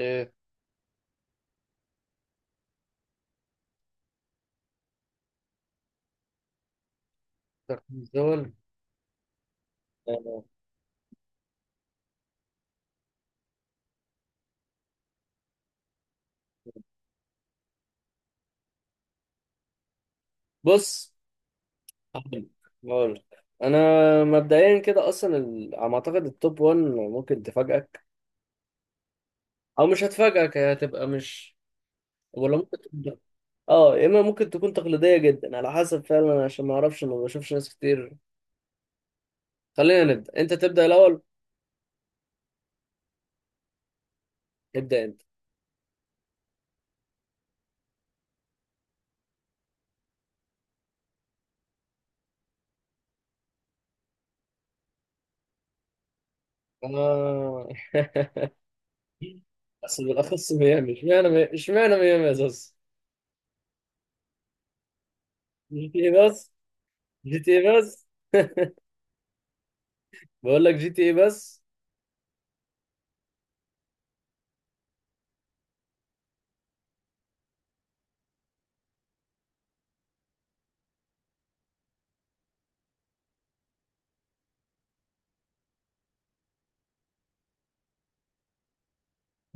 إيه، ترابيزون. آه، بص. هقول هقول. انا. مبدئيا كده اصلا على ما اعتقد التوب 1 ممكن تفاجئك، او مش هتفاجئك. هي هتبقى مش، ولا ممكن تكون، اه، يا اما ممكن تكون تقليديه جدا على حسب فعلا، عشان ما اعرفش، ما بشوفش ناس كتير. خلينا نبدا، انت تبدا الاول. ابدا انت. آه. بس بالاخص ميامي، اشمعنى ميامي يا زوز؟ جي تي اي بس؟ جي تي اي بس. بقول لك جي تي اي بس.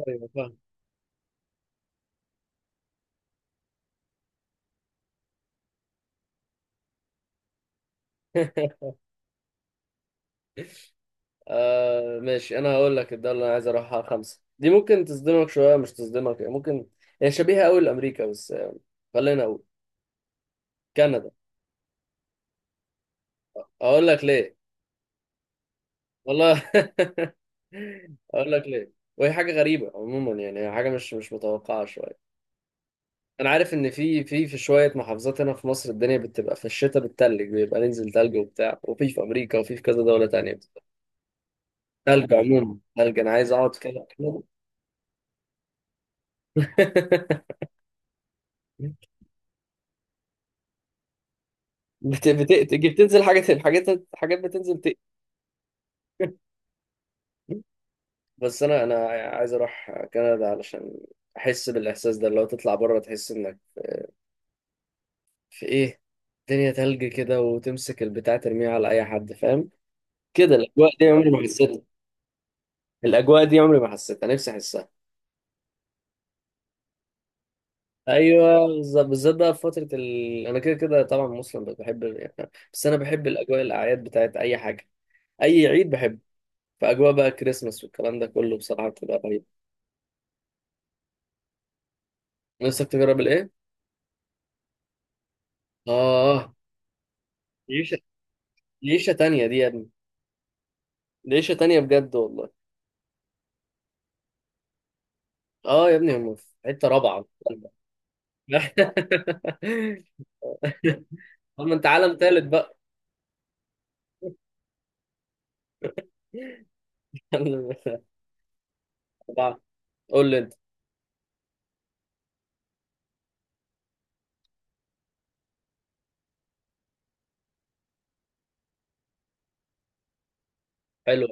ايوه فاهم. آه ماشي، انا هقول لك الدوله اللي انا عايز اروحها خمسه دي ممكن تصدمك شويه، مش تصدمك يعني، ممكن. هي شبيهه قوي لامريكا بس، خلينا اقول كندا. اقول لك ليه. والله اقول لك ليه. وهي حاجه غريبه عموما يعني، هي حاجه مش متوقعه شويه. انا عارف ان في شويه محافظات هنا في مصر الدنيا بتبقى في الشتاء بتتلج، بيبقى ننزل تلج وبتاع، وفي امريكا، وفي كذا دوله تانية بتبقى تلج. عموما تلج، انا عايز اقعد كده. تيجي بتنزل حاجات، حاجات بتنزل تقل. بس انا عايز اروح كندا علشان احس بالاحساس ده. لو تطلع بره تحس انك في ايه، الدنيا تلج كده، وتمسك البتاع ترميها على اي حد فاهم؟ كده الاجواء دي عمري ما حسيتها. الاجواء دي عمري ما حسيتها، نفسي احسها. ايوه بالظبط، بالذات بقى في انا كده كده طبعا مسلم، بس بحب يعني، بس انا بحب الاجواء، الاعياد بتاعت اي حاجه، اي عيد بحبه. فاجواء بقى كريسماس والكلام ده كله بصراحه بتبقى رهيبه. نفسك تجرب الايه؟ اه. ليشة؟ ليشة تانية دي يا ابني؟ ليشة تانية بجد والله. اه يا ابني هم في حتة رابعة. طب ما انت عالم تالت بقى. رابعة. قول لي انت. حلو.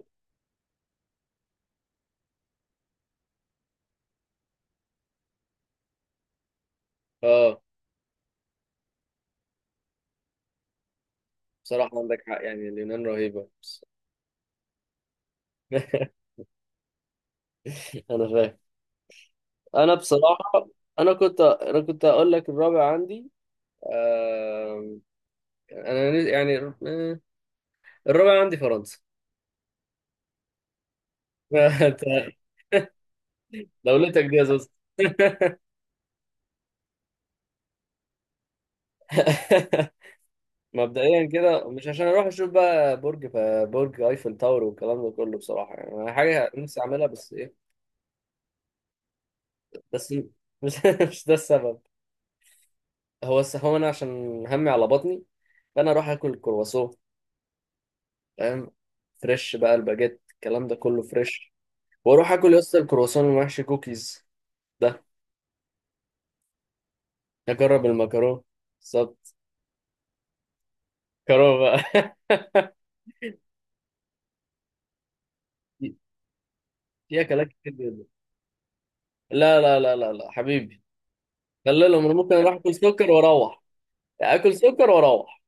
اه بصراحة عندك حق يعني، اليونان رهيبة بس. انا فاهم. انا بصراحة، انا كنت اقول لك الرابع عندي. آه... يعني، آه، الرابع عندي فرنسا. انت، دولتك دي يا زوز. مبدئيا كده مش عشان اروح اشوف بقى برج، برج ايفل تاور والكلام ده كله بصراحه يعني، انا حاجه نفسي اعملها، بس ايه، بس مش مش ده السبب. هو انا عشان همي على بطني، فانا اروح اكل الكرواسون فاهم. فريش بقى الباجيت، الكلام ده كله فريش. واروح اكل يا اسطى الكرواسون المحشي، كوكيز ده. اجرب المكرونه بالظبط. كرو بقى. في اكلات كتير جدا. لا لا لا لا لا حبيبي، خلي لهم. انا ممكن اروح اكل سكر واروح. اكل سكر واروح.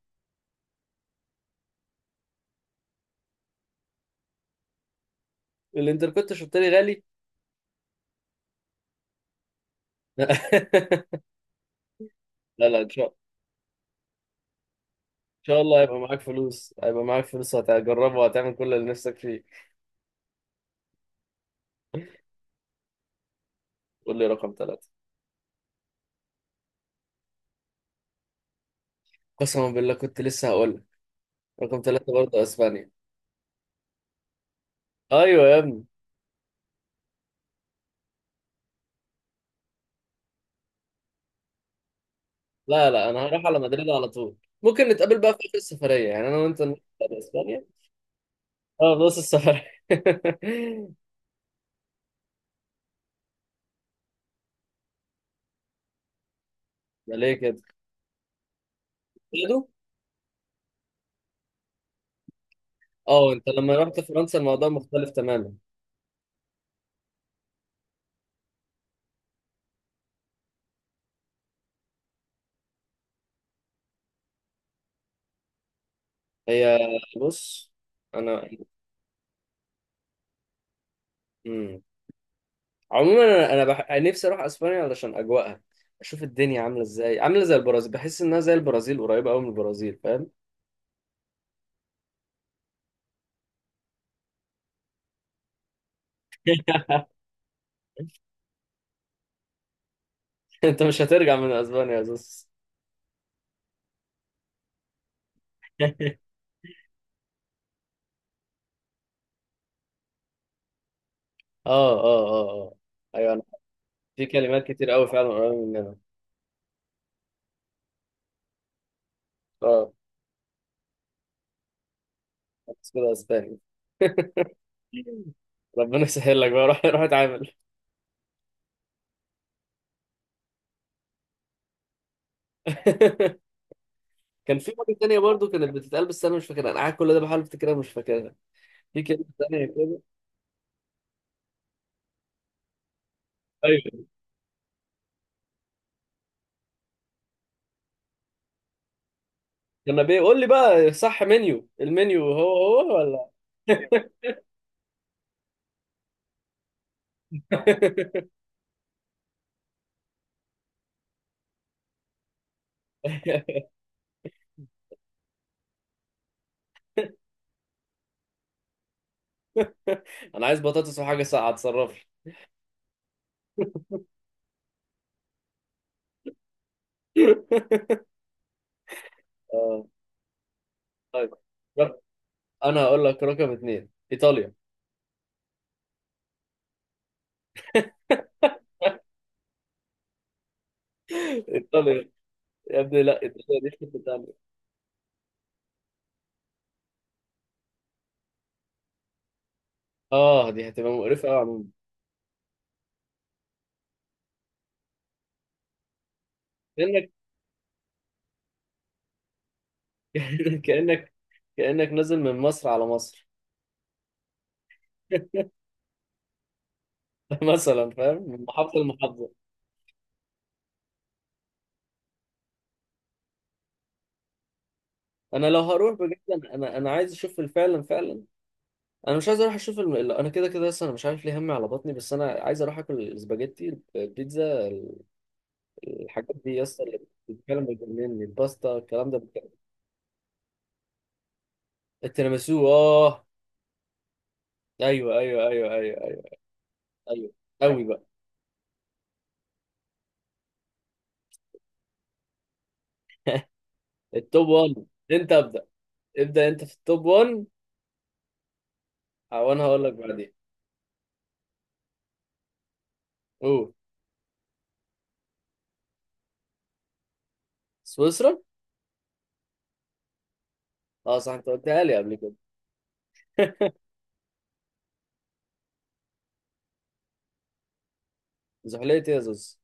الانتركوت شرطري غالي. لا ان شاء الله هيبقى معاك فلوس، هيبقى معاك فلوس وهتجربه وهتعمل كل اللي نفسك فيه. قول لي رقم ثلاثة. قسما بالله كنت لسه هقول لك، رقم ثلاثة برضه اسبانيا. ايوه يا ابني. لا لا انا هروح على مدريد على طول. ممكن نتقابل بقى في آخر السفرية، يعني انا وانت نروح على اسبانيا. اه نص السفرية. ده ليه كده كده؟ اه انت لما رحت فرنسا الموضوع مختلف تماما. هي بص انا، مم. عموما أنا نفسي اروح اسبانيا علشان اجواءها، اشوف الدنيا عامله ازاي، عامله زي البرازيل، بحس انها زي البرازيل، قريبه قوي من البرازيل فاهم. انت مش هترجع من اسبانيا يا زوز. اه اه اه اه. ايوه انا، في كلمات كتير قوي فعلا قريبه مننا. اه. بس كده اسباني. ربنا يسهل لك بقى، روح اتعامل. كان في حاجه تانيه برضو كانت بتتقال بس انا مش فاكرها، انا قاعد كل ده بحاول افتكرها مش فاكرها. في كلمه تانيه كده. ايوه جنابيه. قول لي بقى صح، منيو، المنيو هو، هو. انا عايز بطاطس وحاجه ساقعه اتصرف لي. آه، طيب. رق- انا هقول لك رقم اثنين ايطاليا. ايطاليا يا ابني، لا ايطاليا دي في حته تانيه. اه دي هتبقى مقرفه قوي عموما. كانك كانك كانك نازل من مصر على مصر. مثلا فاهم، من محافظه لمحافظه. انا لو هروح بجد، انا عايز اشوف فعلا فعلا. انا مش عايز اروح اشوف انا كده كده لسه انا مش عارف ليه، همي على بطني. بس انا عايز اروح اكل الاسباجيتي، البيتزا، الحاجات دي يا اسطى اللي بتتكلم بتجنني، الباستا الكلام ده بتكلم. التيراميسو اه. ايوه ايوه ايوه ايوه ايوه ايوه قوي بقى. التوب 1. انت ابدا. ابدا انت في التوب 1، وانا هقول لك بعدين. اوه، سويسرا. اه صح انت قلتها لي قبل كده. زحلية يا زوز.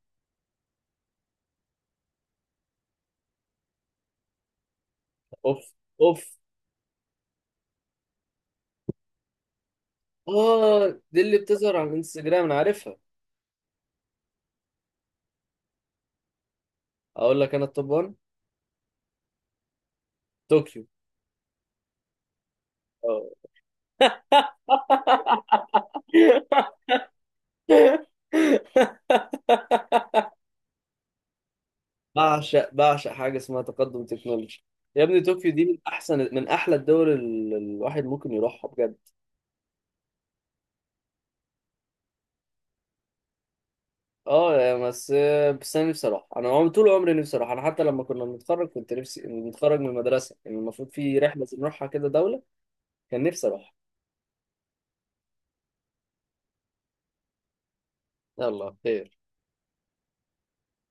اوف. اوف. اه دي اللي بتظهر على الانستجرام، انا عارفها. اقول لك انا التوب 1، طوكيو. آه. بعشق، حاجه اسمها تقدم تكنولوجي. يا ابني طوكيو دي من احسن، من احلى الدول الواحد ممكن يروحها بجد. اه يا بس، بس انا نفسي اروح، طول عمري نفسي اروح. انا حتى لما كنا بنتخرج، كنت نفسي نتخرج من المدرسه، يعني المفروض في رحله نروحها كده دوله، كان نفسي اروح. يلا خير.